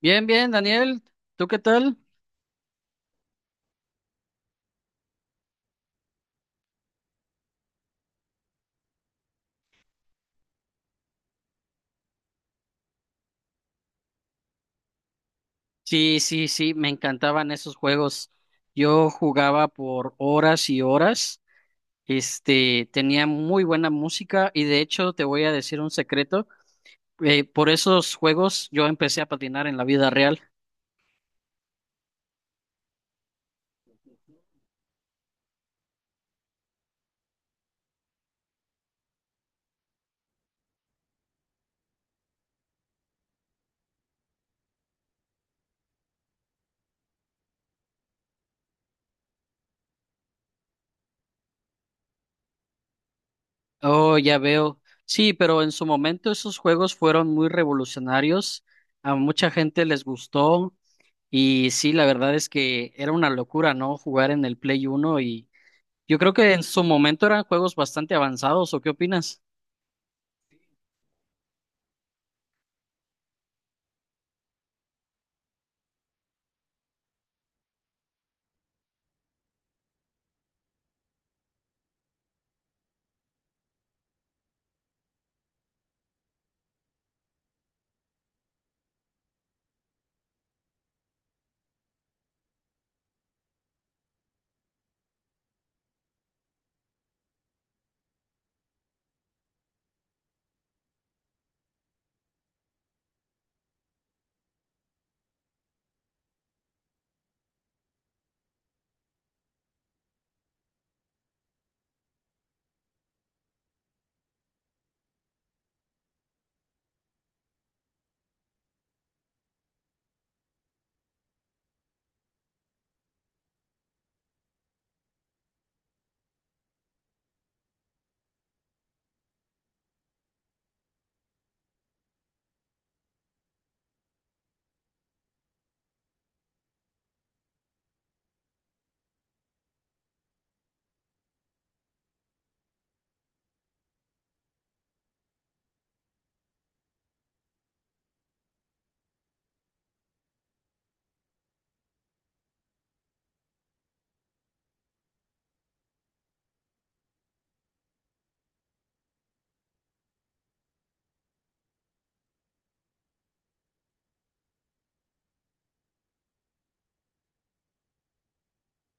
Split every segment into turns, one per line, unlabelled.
Bien, bien, Daniel, ¿tú qué tal? Sí, sí, sí, me encantaban esos juegos. Yo jugaba por horas y horas. Tenía muy buena música y de hecho te voy a decir un secreto. Por esos juegos yo empecé a patinar en la vida real. Oh, ya veo. Sí, pero en su momento esos juegos fueron muy revolucionarios. A mucha gente les gustó y sí, la verdad es que era una locura, ¿no? Jugar en el Play Uno y, yo creo que en su momento eran juegos bastante avanzados, ¿o qué opinas?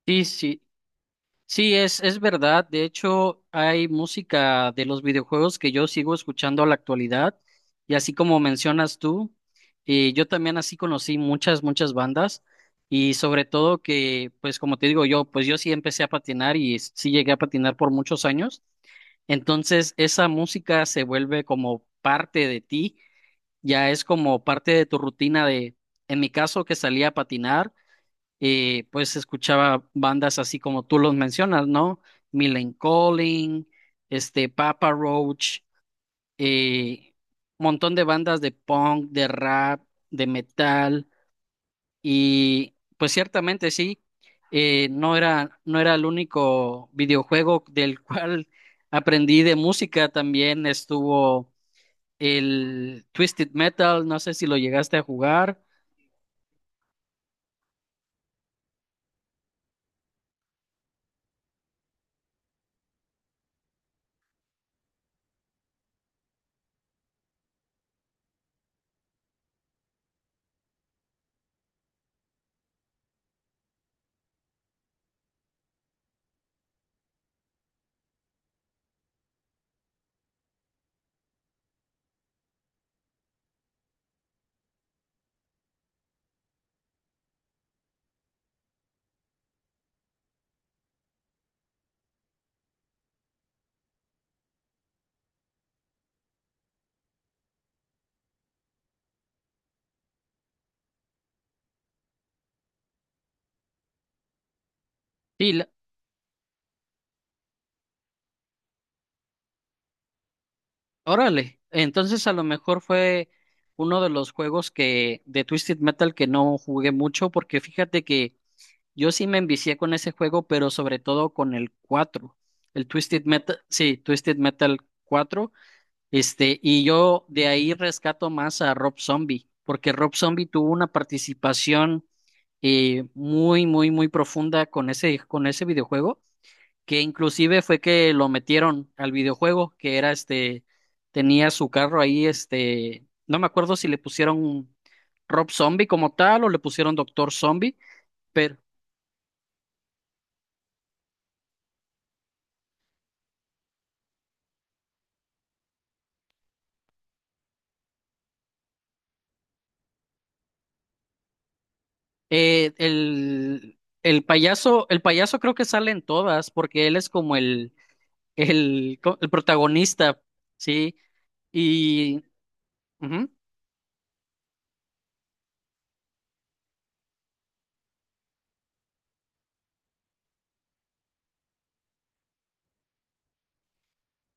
Sí, sí, sí, es verdad. De hecho, hay música de los videojuegos que yo sigo escuchando a la actualidad. Y así como mencionas tú, yo también así conocí muchas, muchas bandas. Y sobre todo que, pues como te digo yo, pues yo sí empecé a patinar y sí llegué a patinar por muchos años. Entonces, esa música se vuelve como parte de ti. Ya es como parte de tu rutina de, en mi caso, que salía a patinar, pues escuchaba bandas así como tú los mencionas, ¿no? Millen Collin, Papa Roach, eh, montón de bandas de punk, de rap, de metal, y pues ciertamente sí, no era el único videojuego del cual aprendí de música, también estuvo. El Twisted Metal, no sé si lo llegaste a jugar. Sí, la- Órale. Entonces a lo mejor fue uno de los juegos que de Twisted Metal que no jugué mucho porque fíjate que yo sí me envicié con ese juego, pero sobre todo con el cuatro. El Twisted Metal, sí, Twisted Metal 4. Y yo de ahí rescato más a Rob Zombie, porque Rob Zombie tuvo una participación muy, muy, muy profunda con ese videojuego. Que inclusive fue que lo metieron al videojuego, que era tenía su carro ahí, no me acuerdo si le pusieron Rob Zombie como tal o le pusieron Doctor Zombie, pero eh, el, el payaso creo que sale en todas, porque él es como el protagonista, ¿sí? Y ujú.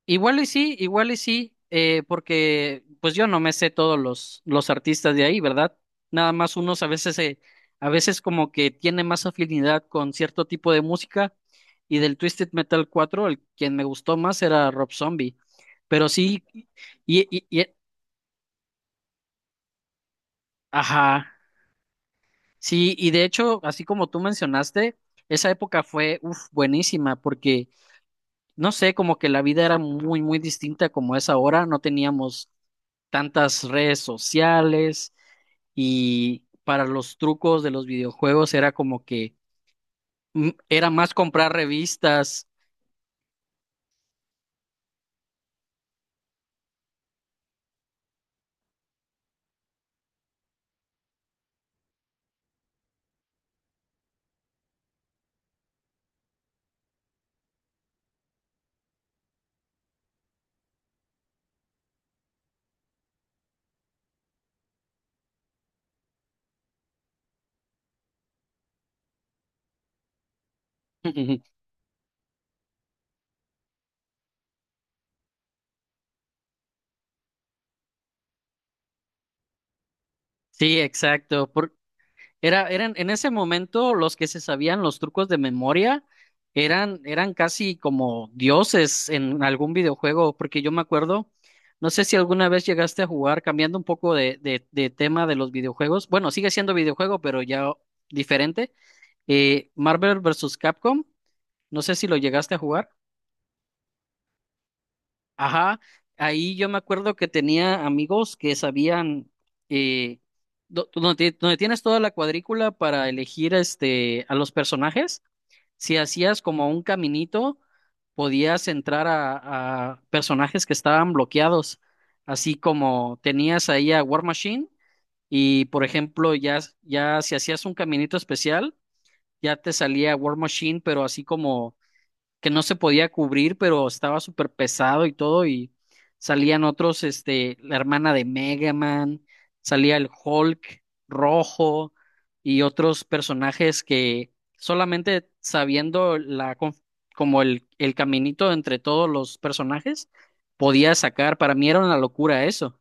Igual y sí, porque pues yo no me sé todos los artistas de ahí, ¿verdad? Nada más unos a veces como que tiene más afinidad con cierto tipo de música y del Twisted Metal 4 el quien me gustó más era Rob Zombie. Pero sí, y, y, y- ajá, sí, y de hecho, así como tú mencionaste, esa época fue, uf, buenísima, porque no sé, como que la vida era muy, muy distinta como es ahora, no teníamos tantas redes sociales y para los trucos de los videojuegos era como que era más comprar revistas. Sí, exacto. Era, eran, en ese momento los que se sabían los trucos de memoria eran casi como dioses en algún videojuego, porque yo me acuerdo, no sé si alguna vez llegaste a jugar, cambiando un poco de tema de los videojuegos, bueno, sigue siendo videojuego, pero ya diferente, Marvel versus Capcom, no sé si lo llegaste a jugar. Ajá, ahí yo me acuerdo que tenía amigos que sabían eh, donde tienes toda la cuadrícula para elegir a los personajes. Si hacías como un caminito, podías entrar a personajes que estaban bloqueados. Así como tenías ahí a War Machine y por ejemplo ya si hacías un caminito especial ya te salía War Machine, pero así como que no se podía cubrir, pero estaba súper pesado y todo, y salían otros, la hermana de Mega Man, salía el Hulk rojo y otros personajes que solamente sabiendo como el caminito entre todos los personajes, podía sacar. Para mí era una locura eso.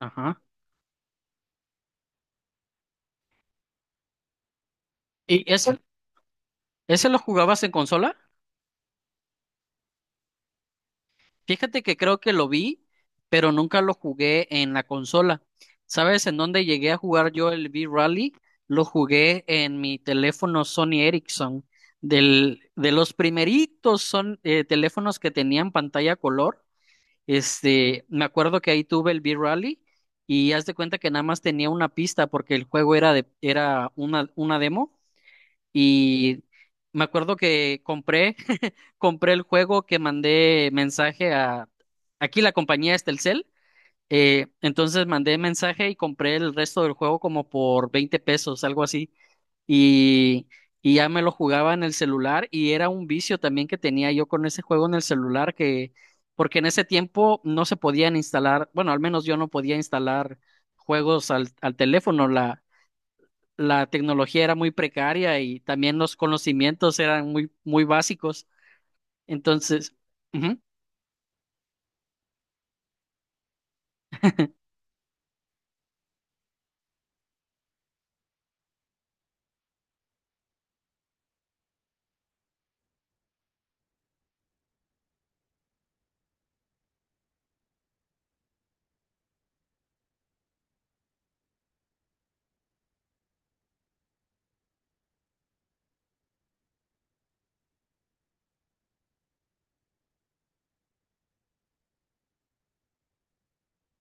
Ajá. ¿Y ese lo jugabas en consola? Fíjate que creo que lo vi, pero nunca lo jugué en la consola. ¿Sabes en dónde llegué a jugar yo el V-Rally? Lo jugué en mi teléfono Sony Ericsson, del, de los primeritos son, teléfonos que tenían pantalla color. Me acuerdo que ahí tuve el V-Rally y haz de cuenta que nada más tenía una pista porque el juego era de, era una demo y me acuerdo que compré, compré el juego que mandé mensaje a, aquí la compañía es Telcel, entonces mandé mensaje y compré el resto del juego como por 20 pesos, algo así, y, y ya me lo jugaba en el celular y era un vicio también que tenía yo con ese juego en el celular que, porque en ese tiempo no se podían instalar, bueno, al menos yo no podía instalar juegos al teléfono, la tecnología era muy precaria y también los conocimientos eran muy, muy básicos. Entonces, ujú,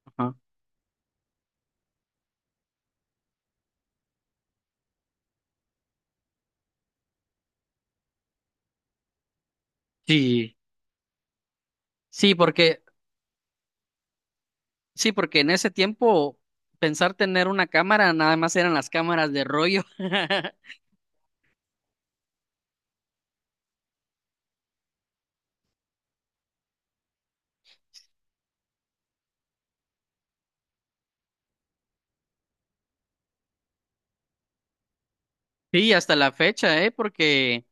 ajá. Sí, sí, sí, porque en ese tiempo pensar tener una cámara nada más eran las cámaras de rollo. Sí, hasta la fecha, ¿eh? Porque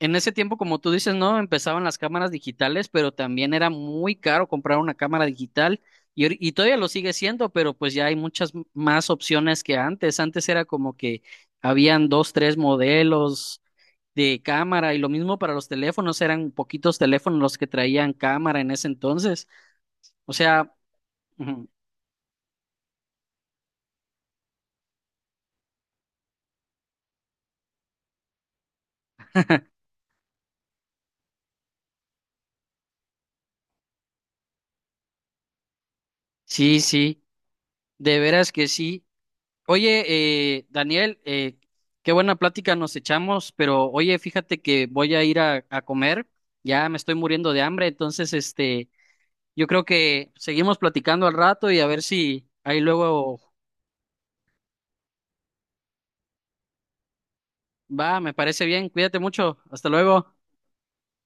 en ese tiempo, como tú dices, no empezaban las cámaras digitales, pero también era muy caro comprar una cámara digital y todavía lo sigue siendo, pero pues ya hay muchas más opciones que antes. Antes era como que habían dos, tres modelos de cámara y lo mismo para los teléfonos, eran poquitos teléfonos los que traían cámara en ese entonces. O sea, ujú, sí, sí, de veras que sí. Oye, Daniel, qué buena plática nos echamos, pero oye, fíjate que voy a ir a comer, ya me estoy muriendo de hambre, entonces, yo creo que seguimos platicando al rato y a ver si ahí luego. Va, me parece bien, cuídate mucho, hasta luego.